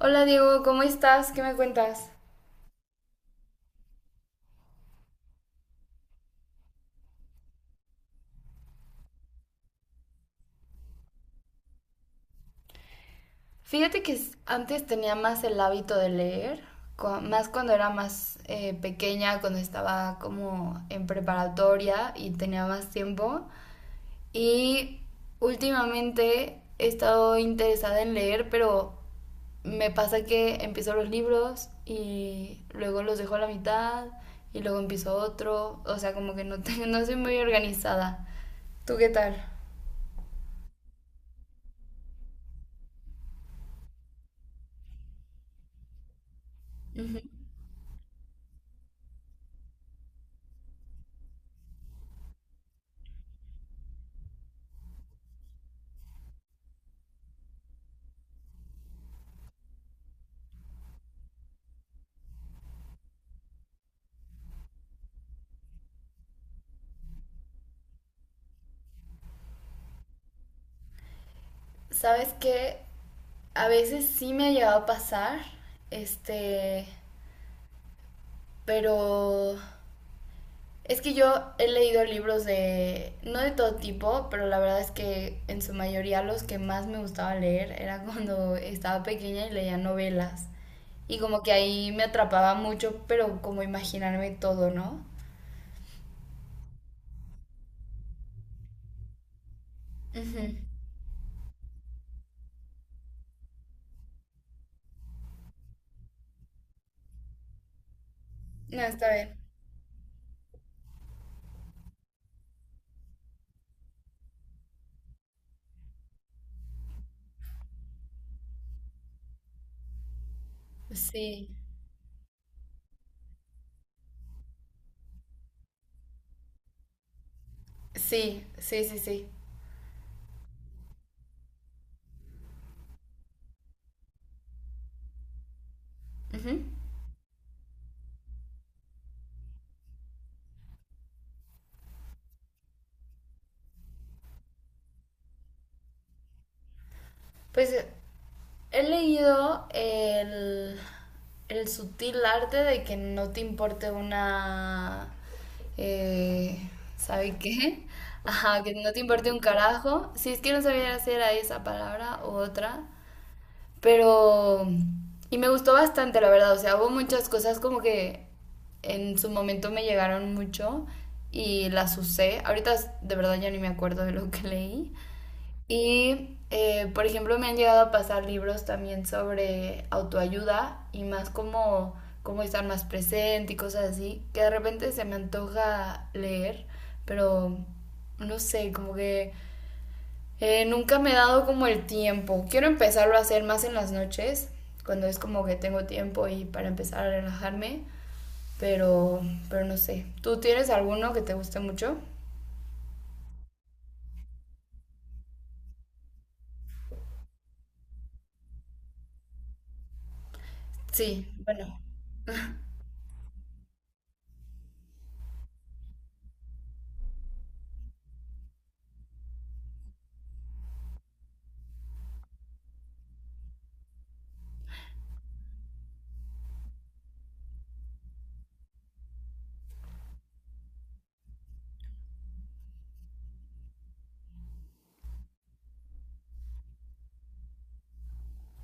Hola Diego, ¿cómo estás? ¿Qué me cuentas? Fíjate que antes tenía más el hábito de leer, más cuando era más pequeña, cuando estaba como en preparatoria y tenía más tiempo. Y últimamente he estado interesada en leer, pero me pasa que empiezo los libros y luego los dejo a la mitad y luego empiezo otro. O sea, como que no, no soy muy organizada. ¿Tú qué tal? Sabes que a veces sí me ha llegado a pasar, este, pero es que yo he leído libros de, no de todo tipo, pero la verdad es que en su mayoría los que más me gustaba leer era cuando estaba pequeña y leía novelas. Y como que ahí me atrapaba mucho, pero como imaginarme todo, ¿no? Ujú. No, está bien. Sí, sí, sí, sí, sí. Ujú. Pues he leído el sutil arte de que no te importe una... eh, ¿sabe qué? Ajá, que no te importe un carajo. Si es que no sabía si era esa palabra u otra. Pero... y me gustó bastante, la verdad. O sea, hubo muchas cosas como que en su momento me llegaron mucho y las usé. Ahorita de verdad ya ni me acuerdo de lo que leí. Y, por ejemplo, me han llegado a pasar libros también sobre autoayuda y más como cómo estar más presente y cosas así, que de repente se me antoja leer, pero no sé, como que nunca me he dado como el tiempo. Quiero empezarlo a hacer más en las noches, cuando es como que tengo tiempo y para empezar a relajarme, pero, pero no sé. ¿Tú tienes alguno que te guste mucho? Sí, bueno.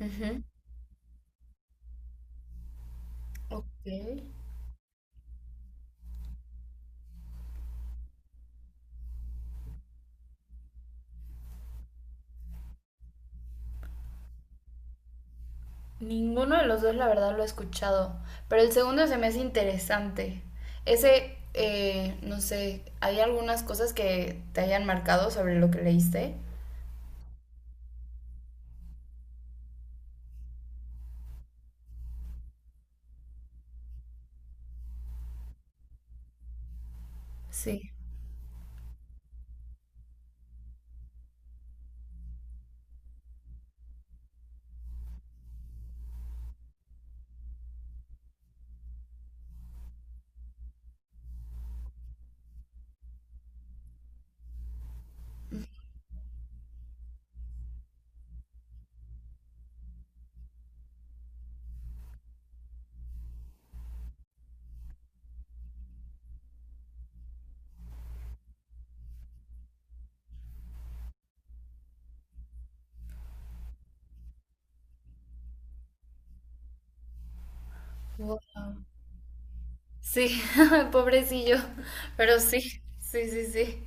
Ujú. Ok. Ninguno de los dos, la verdad, lo he escuchado. Pero el segundo se me hace interesante. Ese, no sé, ¿hay algunas cosas que te hayan marcado sobre lo que leíste? Sí. Wow. Sí, pobrecillo. Pero sí, sí, sí, sí.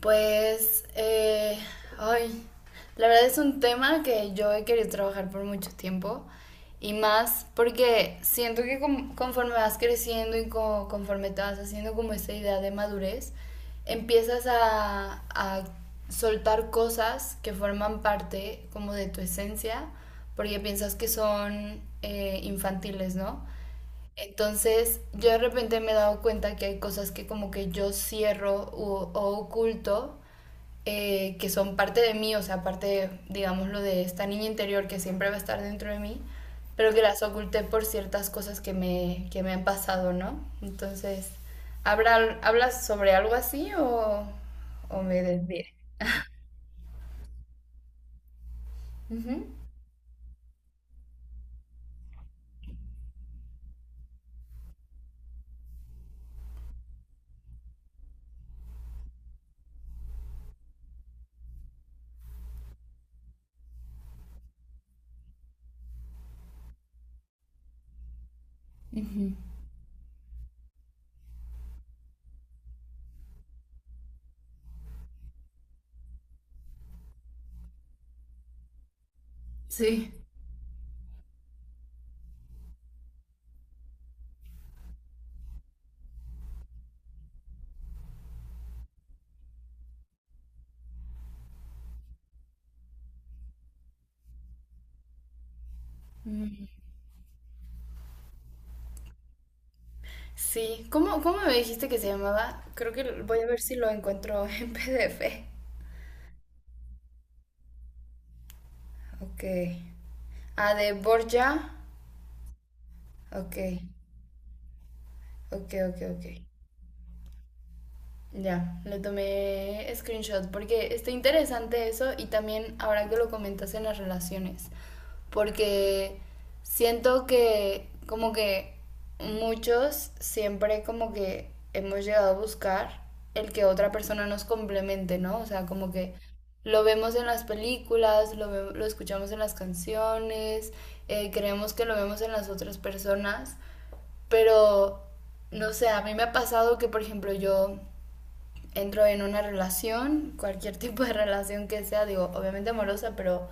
Pues, ay, la verdad es un tema que yo he querido trabajar por mucho tiempo y más porque siento que conforme vas creciendo y conforme te vas haciendo como esta idea de madurez, empiezas a soltar cosas que forman parte como de tu esencia porque piensas que son infantiles, ¿no? Entonces, yo de repente me he dado cuenta que hay cosas que como que yo cierro o oculto que son parte de mí, o sea, parte, digámoslo, de esta niña interior que siempre va a estar dentro de mí, pero que las oculté por ciertas cosas que me han pasado, ¿no? Entonces, ¿hablas sobre algo así o me desvié? Ujú. Ujú. Sí. Mm. Sí, ¿cómo, cómo me dijiste que se llamaba? Creo que voy a ver si lo encuentro en PDF. Ok. Ah, de Borja. Ok, ok, ok, ok. Ya, le tomé screenshot porque está interesante eso y también ahora que lo comentas en las relaciones, porque siento que como que muchos siempre como que hemos llegado a buscar el que otra persona nos complemente, ¿no? O sea, como que lo vemos en las películas, lo, lo escuchamos en las canciones, creemos que lo vemos en las otras personas, pero no sé, a mí me ha pasado que, por ejemplo, yo entro en una relación, cualquier tipo de relación que sea, digo, obviamente amorosa, pero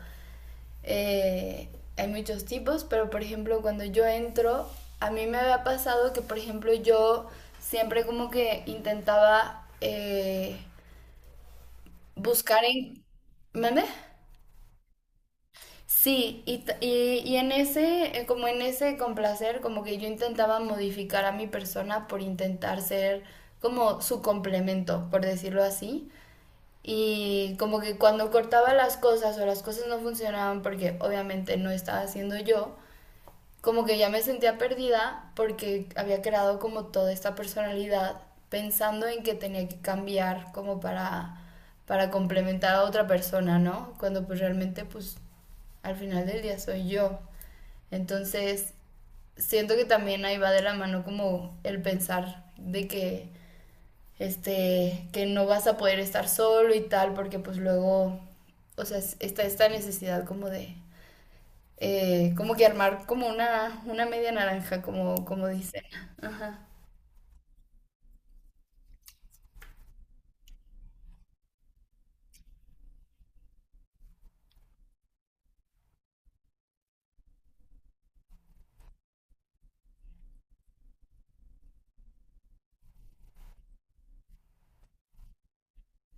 eh, hay muchos tipos, pero por ejemplo cuando yo entro, a mí me había pasado que por ejemplo yo siempre como que intentaba buscar en... ¿Mande? Sí, y, y en ese, como en ese complacer, como que yo intentaba modificar a mi persona por intentar ser como su complemento, por decirlo así. Y como que cuando cortaba las cosas o las cosas no funcionaban porque obviamente no estaba haciendo yo, como que ya me sentía perdida porque había creado como toda esta personalidad pensando en que tenía que cambiar como para complementar a otra persona, ¿no? Cuando pues realmente pues al final del día soy yo. Entonces siento que también ahí va de la mano como el pensar de que este, que no vas a poder estar solo y tal, porque pues luego, o sea, está esta necesidad como de, como que armar como una media naranja, como, como dicen. Ajá.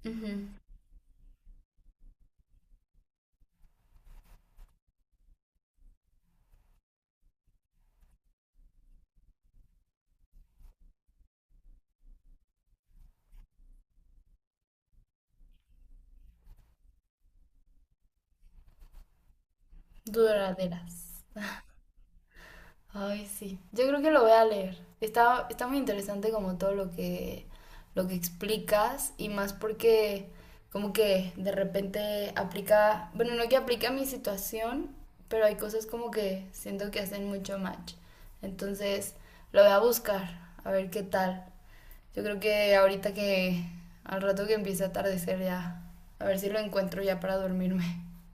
Ujú. Duraderas. Ay, sí. Yo creo que lo voy a leer. Está, está muy interesante como todo lo que explicas y más porque como que de repente aplica, bueno, no que aplica a mi situación, pero hay cosas como que siento que hacen mucho match. Entonces, lo voy a buscar, a ver qué tal. Yo creo que ahorita que al rato que empiece a atardecer ya, a ver si lo encuentro ya para dormirme.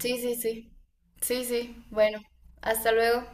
Sí, sí, sí. Sí, sí. Bueno, hasta luego.